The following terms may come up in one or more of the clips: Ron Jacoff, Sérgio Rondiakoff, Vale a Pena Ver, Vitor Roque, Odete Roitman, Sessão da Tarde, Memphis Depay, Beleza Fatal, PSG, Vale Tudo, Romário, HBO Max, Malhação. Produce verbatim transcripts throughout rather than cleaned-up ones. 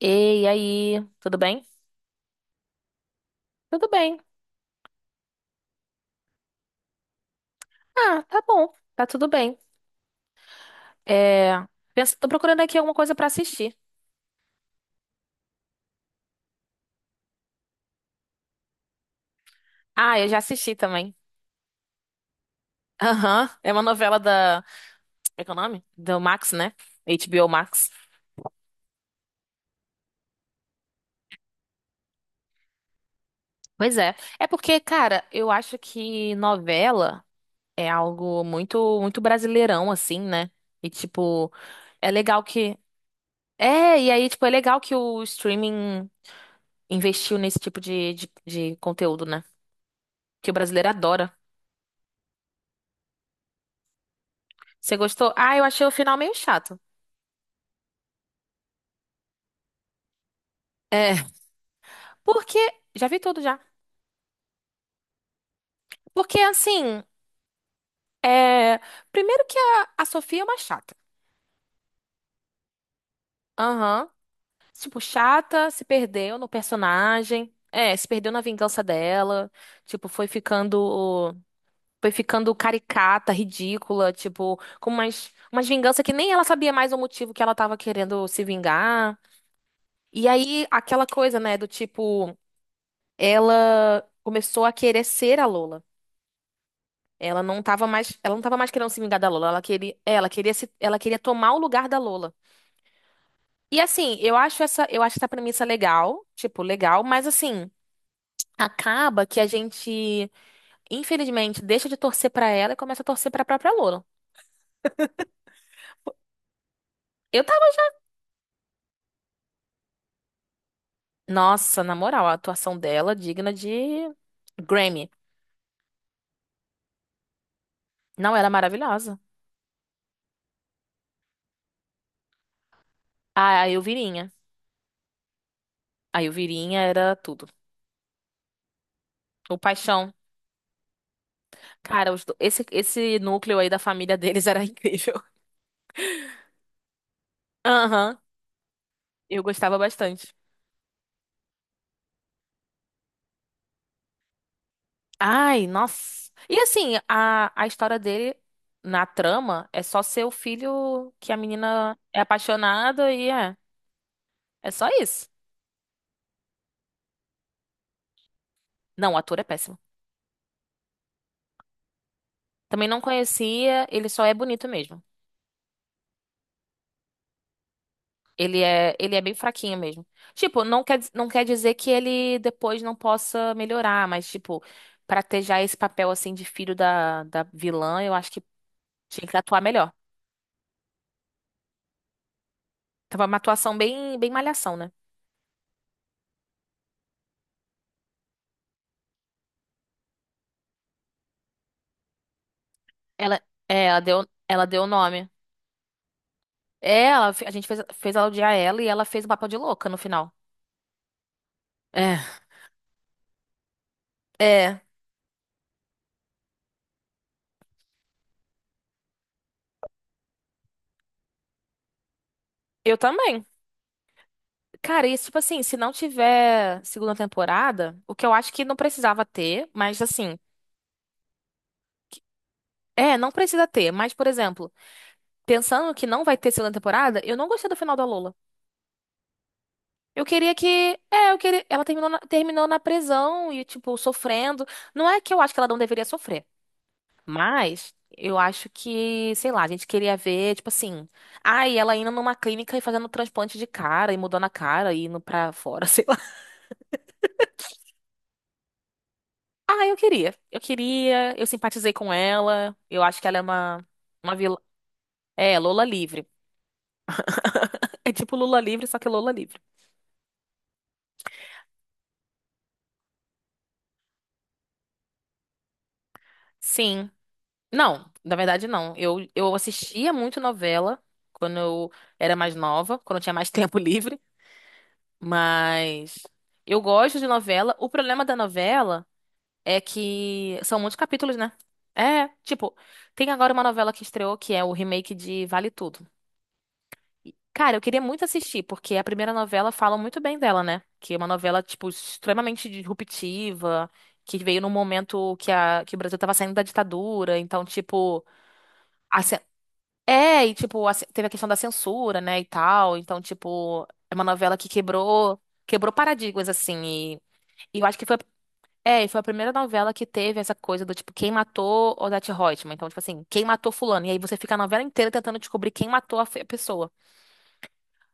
Ei, e aí, tudo bem? Tudo bem. Ah, tá bom, tá tudo bem. É, pensa- tô procurando aqui alguma coisa pra assistir. Ah, eu já assisti também. Aham, é uma novela da. É que é o nome? Do Max, né? H B O Max. Pois é. É porque, cara, eu acho que novela é algo muito, muito brasileirão, assim, né? E, tipo, é legal que. É, e aí, tipo, é legal que o streaming investiu nesse tipo de, de, de conteúdo, né? Que o brasileiro adora. Você gostou? Ah, eu achei o final meio chato. É, porque. Já vi tudo já. Porque, assim. É. Primeiro que a, a Sofia é uma chata. Aham. Tipo, chata, se perdeu no personagem. É, se perdeu na vingança dela. Tipo, foi ficando. Foi ficando caricata, ridícula. Tipo, com umas, umas vinganças que nem ela sabia mais o motivo que ela tava querendo se vingar. E aí, aquela coisa, né? Do tipo. Ela começou a querer ser a Lola. Ela não tava mais, ela não tava mais querendo se vingar da Lola, ela queria, é, ela queria se, ela queria tomar o lugar da Lola. E assim, eu acho essa, eu acho essa premissa legal, tipo, legal, mas assim, acaba que a gente, infelizmente, deixa de torcer pra ela e começa a torcer pra própria Lola. Eu tava, nossa, na moral, a atuação dela digna de Grammy. Não, ela é maravilhosa. A a Elvirinha. A Elvirinha era tudo. O Paixão. Cara, os do- esse, esse núcleo aí da família deles era incrível. Aham. Eu gostava bastante. Ai, nossa. E assim, a, a história dele na trama é só ser o filho que a menina é apaixonada e é. É só isso. Não, o ator é péssimo. Também não conhecia, ele só é bonito mesmo. Ele é, ele é bem fraquinho mesmo. Tipo, não quer, não quer dizer que ele depois não possa melhorar, mas, tipo, pra ter já esse papel assim de filho da, da vilã, eu acho que tinha que atuar melhor. Tava uma atuação bem, bem malhação, né? Ela, é, ela deu, ela deu o nome. É, ela fe- a gente fez, fez, ela odiar ela e ela fez o papel de louca no final. É, é, eu também. Cara, isso, tipo assim, se não tiver segunda temporada, o que eu acho que não precisava ter, mas assim, é, não precisa ter, mas, por exemplo, pensando que não vai ter segunda temporada, eu não gostei do final da Lola. Eu queria que, é, eu queria, ela terminou na, terminou na prisão e, tipo, sofrendo. Não é que eu acho que ela não deveria sofrer. Mas eu acho que, sei lá, a gente queria ver, tipo assim, ai, ela indo numa clínica e fazendo transplante de cara e mudando a cara e indo pra fora, sei lá. Ah, eu queria. Eu queria, eu simpatizei com ela. Eu acho que ela é uma uma vilã. É, Lola livre. É tipo Lula livre, só que Lola livre. Sim. Não, na verdade não. Eu eu assistia muito novela quando eu era mais nova, quando eu tinha mais tempo livre, mas eu gosto de novela. O problema da novela é que são muitos capítulos, né? É, tipo, tem agora uma novela que estreou que é o remake de Vale Tudo. E, cara, eu queria muito assistir, porque a primeira novela fala muito bem dela, né? Que é uma novela, tipo, extremamente disruptiva, que veio num momento que, a, que o Brasil tava saindo da ditadura, então, tipo, a cen- é, e, tipo, a ce- teve a questão da censura, né, e tal, então, tipo, é uma novela que quebrou, quebrou paradigmas, assim, e, e, eu acho que foi é, e foi a primeira novela que teve essa coisa do tipo, quem matou Odete Roitman? Então, tipo assim, quem matou fulano? E aí você fica a novela inteira tentando descobrir quem matou a fe- a pessoa.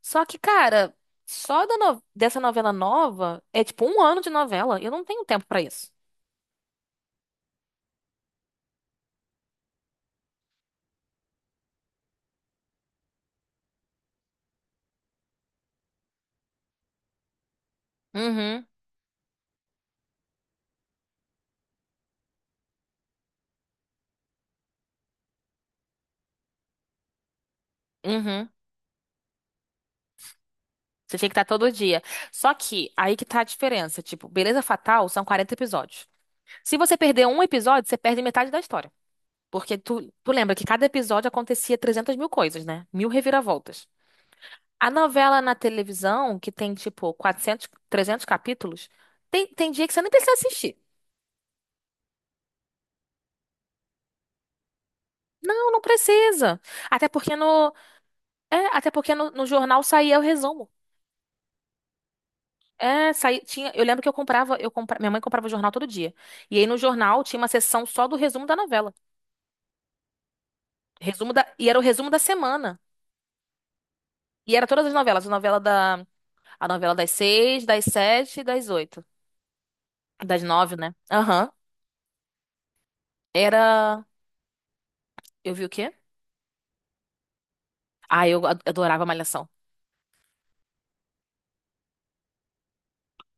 Só que, cara, só da no- dessa novela nova é tipo um ano de novela. Eu não tenho tempo pra isso. Uhum, uhum. Você tinha que estar todo dia. Só que aí que tá a diferença. Tipo, Beleza Fatal são quarenta episódios. Se você perder um episódio, você perde metade da história. Porque tu, tu lembra que cada episódio acontecia trezentas mil coisas, né? Mil reviravoltas. A novela na televisão, que tem tipo quatrocentos, trezentos capítulos, tem, tem dia que você nem precisa assistir. Não, não precisa. Até porque no, é, até porque no, no jornal saía o resumo. É, saía, tinha, eu lembro que eu comprava, eu compra, minha mãe comprava o jornal todo dia. E aí no jornal tinha uma seção só do resumo da novela. Resumo da, e era o resumo da semana. E era todas as novelas, a novela da, a novela das seis, das sete e das oito. Das nove, né? Aham. Era. Eu vi o quê? Ah, eu ad- adorava Malhação.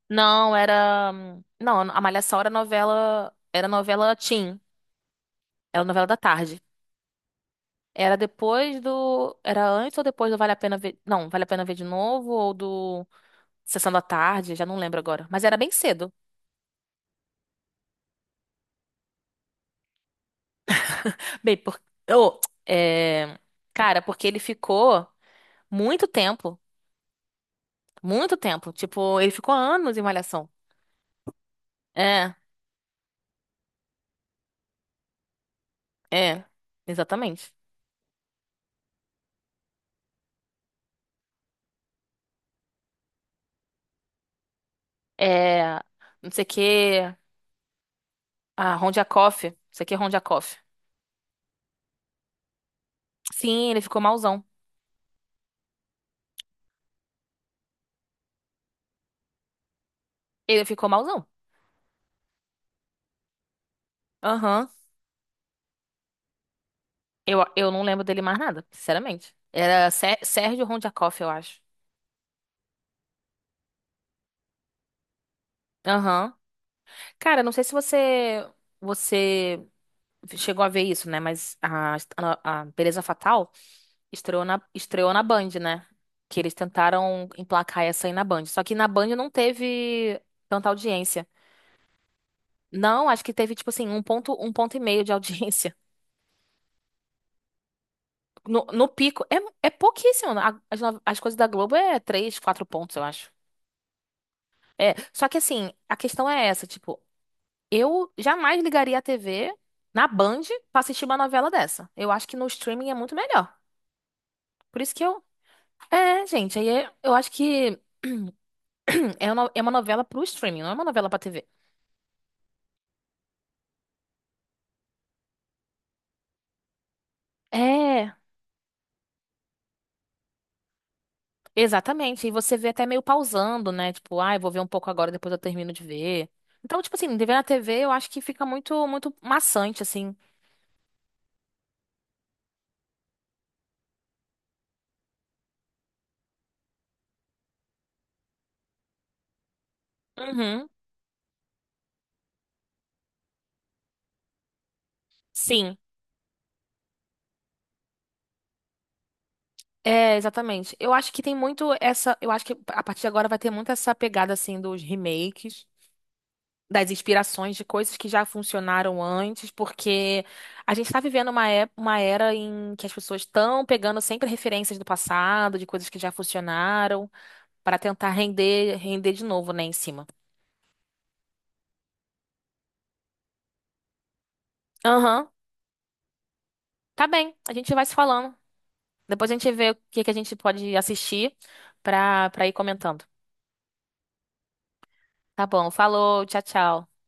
Não, era. Não, a Malhação era novela. Era novela teen. Era novela da tarde. Era depois do. Era antes ou depois do Vale a Pena Ver. Não, Vale a Pena Ver de novo ou do Sessão da Tarde, já não lembro agora. Mas era bem cedo. Bem, porque. Cara, porque ele ficou muito tempo. Muito tempo. Tipo, ele ficou anos em Malhação. É, é. Exatamente. É. Não sei o que. Ah, Ron Jacoff. Não sei o que, Ron Jacoff. Sim, ele ficou mauzão. Ele ficou malzão. Aham. Eu, eu não lembro dele mais nada, sinceramente. Era Sé- Sérgio Rondiakoff, eu acho. Aham. Cara, não sei se você você chegou a ver isso, né? Mas a, a Beleza Fatal estreou na, estreou na Band, né? Que eles tentaram emplacar essa aí na Band. Só que na Band não teve tanta audiência. Não, acho que teve, tipo assim, um ponto, um ponto e meio de audiência. No, no pico, é, é pouquíssimo. A- As, no- as coisas da Globo é três, quatro pontos, eu acho. É, só que assim, a questão é essa, tipo, eu jamais ligaria a T V na Band pra assistir uma novela dessa. Eu acho que no streaming é muito melhor. Por isso que eu. É, gente, aí é- eu acho que é uma é uma novela pro streaming, não é uma novela pra T V. É, exatamente. E você vê até meio pausando, né? Tipo, ah, eu vou ver um pouco agora, depois eu termino de ver. Então, tipo assim, de ver na T V eu acho que fica muito, muito maçante, assim. Uhum. Sim. É, exatamente. Eu acho que tem muito essa. Eu acho que a partir de agora vai ter muito essa pegada assim dos remakes, das inspirações de coisas que já funcionaram antes, porque a gente tá vivendo uma, é- uma era em que as pessoas estão pegando sempre referências do passado, de coisas que já funcionaram, para tentar render, render de novo, né, em cima. Aham, tá bem. A gente vai se falando. Depois a gente vê o que que a gente pode assistir pra, pra ir comentando. Tá bom, falou, tchau, tchau.